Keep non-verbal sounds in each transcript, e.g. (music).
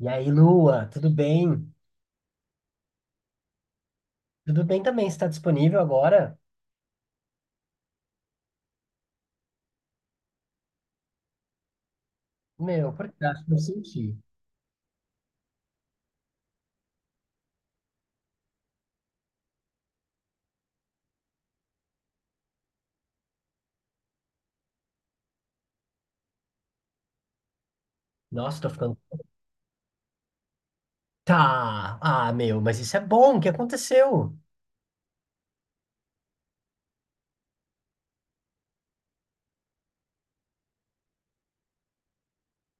E aí, Lua, tudo bem? Tudo bem também, você está disponível agora? Meu, por que eu senti? Nossa, tô ficando. Tá! Ah, meu, mas isso é bom, o que aconteceu?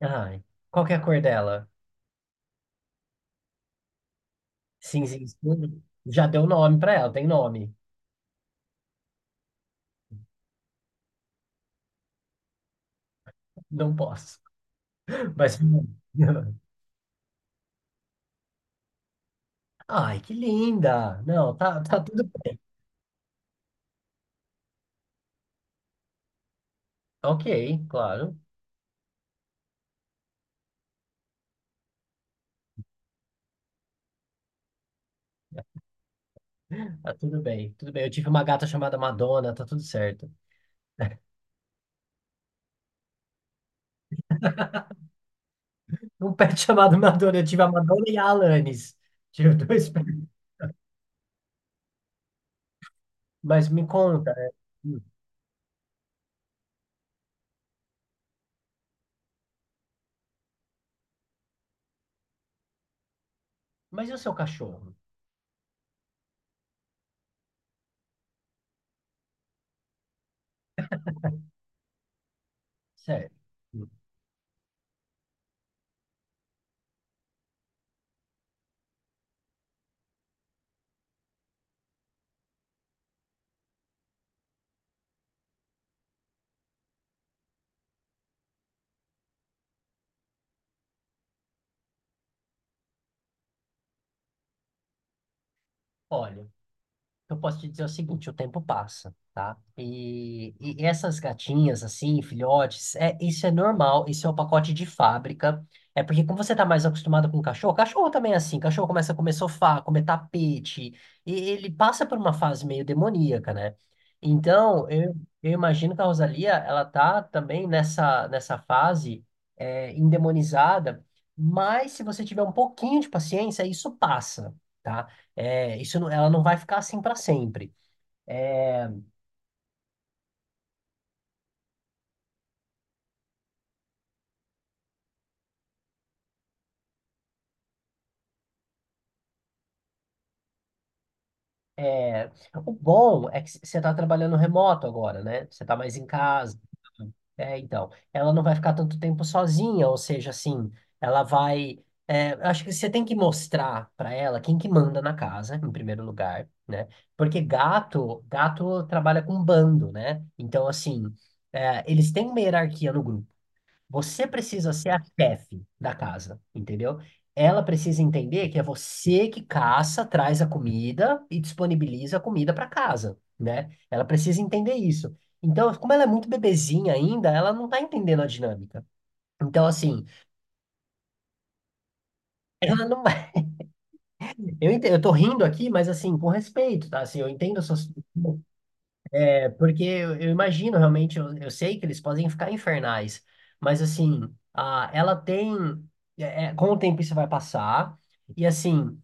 Ai, qual que é a cor dela? Cinzinho escuro? Já deu nome pra ela, tem nome. Não posso. Mas. (laughs) Ai, que linda! Não, tá, tá tudo bem. Ok, claro. Tá tudo bem, tudo bem. Eu tive uma gata chamada Madonna, tá tudo certo. Um pet (laughs) chamado Madonna. Eu tive a Madonna e a Alanis. Tive dois pets. Mas me conta, né? Hum. Mas e o seu cachorro? Sério. Hum. Olha, eu posso te dizer o seguinte, o tempo passa, tá? E essas gatinhas, assim, filhotes, é, isso é normal, isso é o pacote de fábrica. É porque como você tá mais acostumado com cachorro, cachorro também é assim, cachorro começa a comer sofá, comer tapete, e ele passa por uma fase meio demoníaca, né? Então, eu imagino que a Rosalia, ela tá também nessa fase é, endemonizada, mas se você tiver um pouquinho de paciência, isso passa. Tá? É, ela não vai ficar assim para sempre. É, é, o bom é que você está trabalhando remoto agora, né? Você está mais em casa. É, então, ela não vai ficar tanto tempo sozinha, ou seja, assim, ela vai. É, eu acho que você tem que mostrar para ela quem que manda na casa, em primeiro lugar, né? Porque gato, gato trabalha com bando, né? Então, assim, é, eles têm uma hierarquia no grupo. Você precisa ser a chefe da casa, entendeu? Ela precisa entender que é você que caça, traz a comida e disponibiliza a comida para casa, né? Ela precisa entender isso. Então, como ela é muito bebezinha ainda, ela não tá entendendo a dinâmica. Então, assim, ela não vai. (laughs) Eu tô rindo aqui, mas assim, com respeito, tá? Assim, eu entendo a sua. Porque eu imagino, realmente, eu sei que eles podem ficar infernais, mas assim, a, ela tem. Com o tempo isso vai passar, e assim,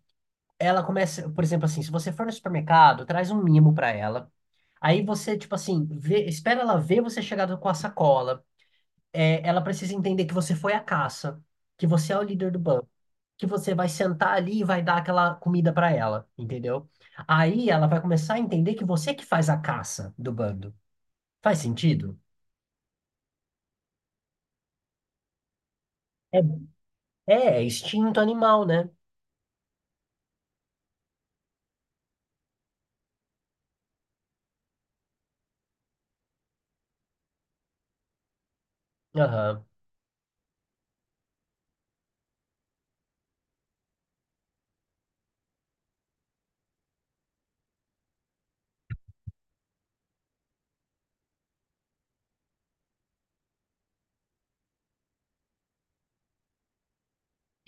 ela começa, por exemplo, assim, se você for no supermercado, traz um mimo pra ela. Aí você, tipo assim, vê, espera ela ver você com a sacola. É, ela precisa entender que você foi a caça, que você é o líder do banco, que você vai sentar ali e vai dar aquela comida pra ela, entendeu? Aí ela vai começar a entender que você que faz a caça do bando. Faz sentido? É, é instinto animal, né? Aham.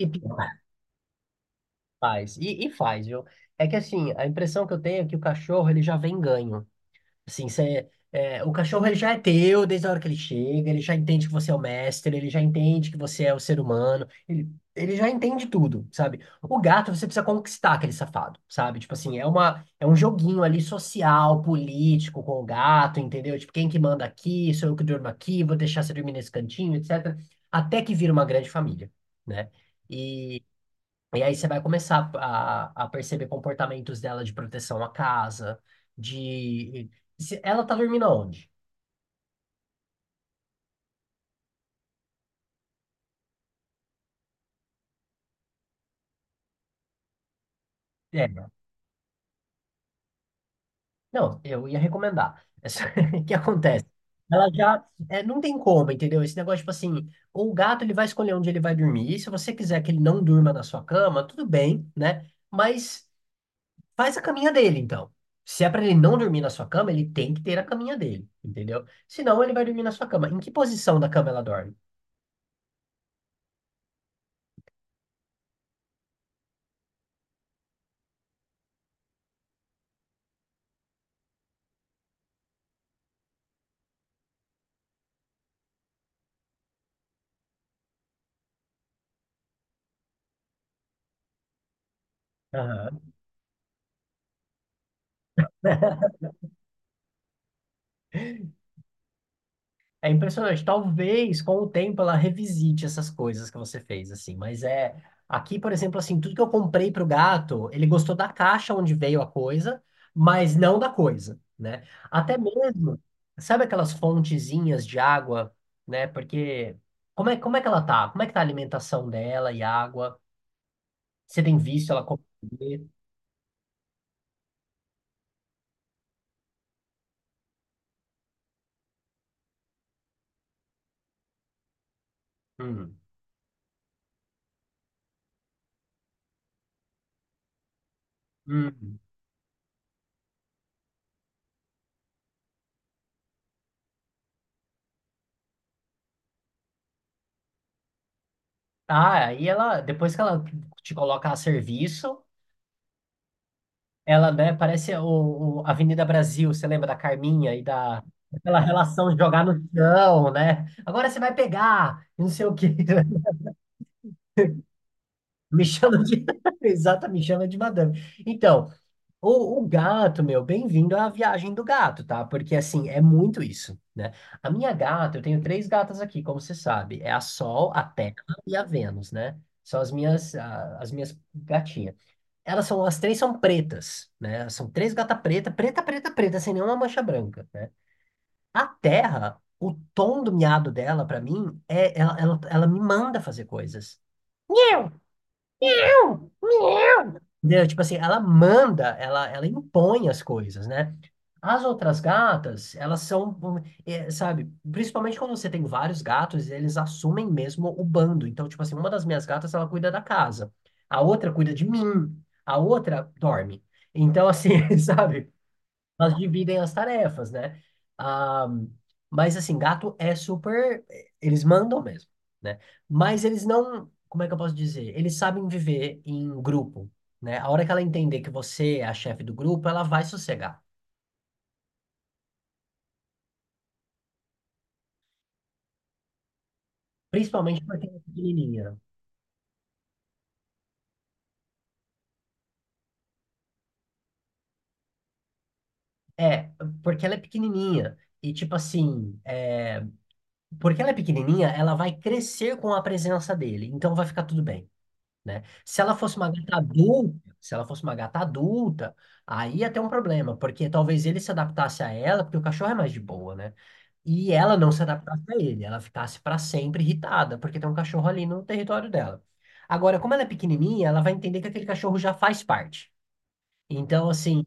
E pior, faz. E faz, viu? É que assim, a impressão que eu tenho é que o cachorro ele já vem ganho. Assim, você, é, o cachorro ele já é teu desde a hora que ele chega, ele já entende que você é o mestre, ele já entende que você é o ser humano, ele já entende tudo, sabe? O gato você precisa conquistar aquele safado, sabe? Tipo assim, é um joguinho ali social, político com o gato, entendeu? Tipo, quem que manda aqui, sou eu que durmo aqui, vou deixar você dormir nesse cantinho, etc. Até que vira uma grande família, né? E aí você vai começar a perceber comportamentos dela de proteção à casa, de... se- Ela tá dormindo aonde? É, não, eu ia recomendar. (laughs) O que acontece? Ela já... é, não tem como, entendeu? Esse negócio, tipo assim, o gato ele vai escolher onde ele vai dormir. E se você quiser que ele não durma na sua cama, tudo bem, né? Mas faz a caminha dele, então. Se é pra ele não dormir na sua cama, ele tem que ter a caminha dele, entendeu? Senão ele vai dormir na sua cama. Em que posição da cama ela dorme? Aham. É impressionante. Talvez com o tempo ela revisite essas coisas que você fez, assim. Mas é. Aqui, por exemplo, assim, tudo que eu comprei pro gato, ele gostou da caixa onde veio a coisa, mas não da coisa, né? Até mesmo, sabe aquelas fontezinhas de água, né? Porque como é que ela tá? Como é que tá a alimentação dela e água? Você tem visto ela comer? Hum. Hum. Ah, aí ela, depois que ela te coloca a serviço. Ela, né, parece o Avenida Brasil, você lembra da Carminha e da aquela relação de jogar no chão, né? Agora você vai pegar, e não sei o quê. (laughs) Me chama de. (laughs) Exata, me chama de madame. Então, o gato, meu, bem-vindo à viagem do gato, tá? Porque assim, é muito isso, né? A minha gata, eu tenho três gatas aqui, como você sabe. É a Sol, a Terra e a Vênus, né? São as minhas, ah, as minhas gatinhas. Elas são, as três são pretas, né? Elas são três gata preta, preta, preta, preta, sem nenhuma mancha branca, né? A Terra, o tom do miado dela, pra mim, é ela, ela me manda fazer coisas. Eu. Entendeu? Tipo assim, ela manda, ela impõe as coisas, né? As outras gatas, elas são, um, é, sabe, principalmente quando você tem vários gatos, eles assumem mesmo o bando. Então, tipo assim, uma das minhas gatas, ela cuida da casa, a outra cuida de mim, a outra dorme. Então, assim, (laughs) sabe? Elas dividem as tarefas, né? Ah, mas assim, gato é super. Eles mandam mesmo, né? Mas eles não. Como é que eu posso dizer? Eles sabem viver em grupo, né? A hora que ela entender que você é a chefe do grupo, ela vai sossegar. Principalmente porque ela é pequenininha. É, porque ela é pequenininha. E tipo assim, é, porque ela é pequenininha, ela vai crescer com a presença dele. Então vai ficar tudo bem. Né? Se ela fosse uma gata adulta, Se ela fosse uma gata adulta, aí ia ter um problema, porque talvez ele se adaptasse a ela, porque o cachorro é mais de boa, né? E ela não se adaptasse a ele, ela ficasse para sempre irritada, porque tem um cachorro ali no território dela. Agora, como ela é pequenininha, ela vai entender que aquele cachorro já faz parte. Então, assim,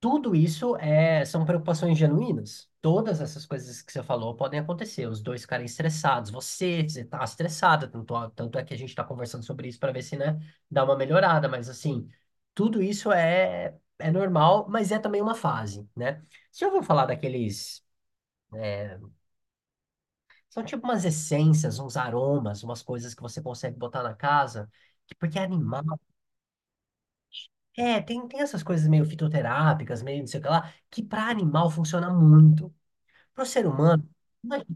tudo isso é, são preocupações genuínas. Todas essas coisas que você falou podem acontecer. Os dois ficarem estressados. Você está estressada, tanto é que a gente está conversando sobre isso para ver se, né, dá uma melhorada. Mas, assim, tudo isso é, é normal, mas é também uma fase, né? Você já ouviu falar daqueles... é, são tipo umas essências, uns aromas, umas coisas que você consegue botar na casa, que- porque é animal. É, tem essas coisas meio fitoterápicas, meio não sei o que lá, que para animal funciona muito. Para o ser humano, como a gente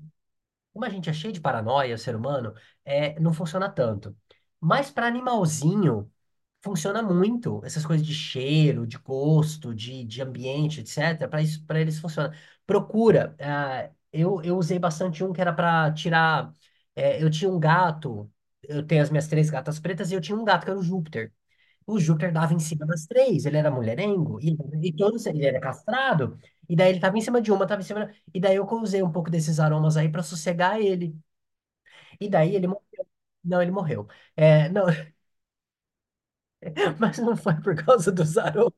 como a gente é cheio de paranoia, o ser humano, é, não funciona tanto. Mas para animalzinho, funciona muito. Essas coisas de cheiro, de gosto, de ambiente, etcétera. Para isso, para eles funciona. Procura. Ah, eu usei bastante um que era para tirar. Eh, eu tinha um gato. Eu tenho as minhas três gatas pretas e eu tinha um gato que era o Júpiter. O Júpiter dava em cima das três, ele era mulherengo, e todos, ele era castrado, e daí ele tava em cima de uma, tava em cima da... E daí eu usei um pouco desses aromas aí pra sossegar ele. E daí ele morreu. Não, ele morreu. É, não, (laughs) mas não foi por causa dos aromas.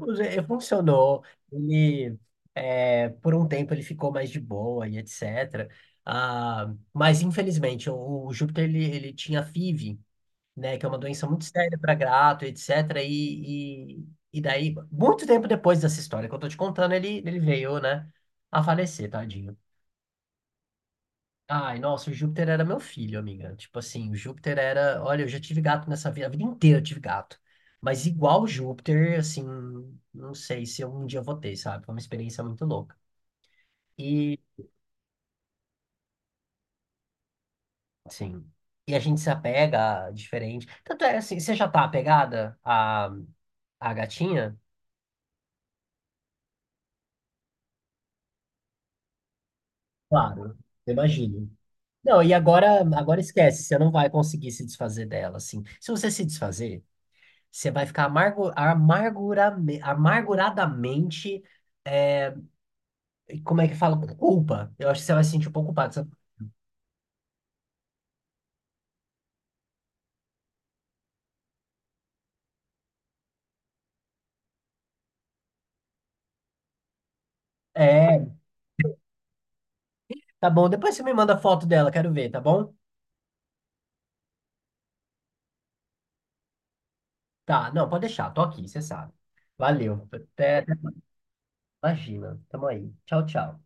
Funcionou. Ele, é, por um tempo ele ficou mais de boa e etc. Ah, mas infelizmente o Júpiter ele tinha FIV, né? Que é uma doença muito séria para gato, etc. E daí, muito tempo depois dessa história que eu tô te contando, ele veio, né, a falecer, tadinho. Ai, nossa, o Júpiter era meu filho, amiga. Tipo assim, o Júpiter era. Olha, eu já tive gato nessa vida, a vida inteira eu tive gato. Mas igual o Júpiter, assim, não sei se eu um dia vou ter, sabe? Foi uma experiência muito louca. E, assim, e a gente se apega diferente. Tanto é assim, você já tá apegada à, à gatinha? Claro, imagino. Não, e agora, agora esquece, você não vai conseguir se desfazer dela, assim. Se você se desfazer, você vai ficar amarguradamente, é, como é que fala? Com culpa. Eu acho que você vai se sentir um pouco culpado. Você- É, tá bom, depois você me manda foto dela, quero ver, tá bom? Tá, não, pode deixar, tô aqui, você sabe. Valeu, até- imagina, tamo aí. Tchau, tchau.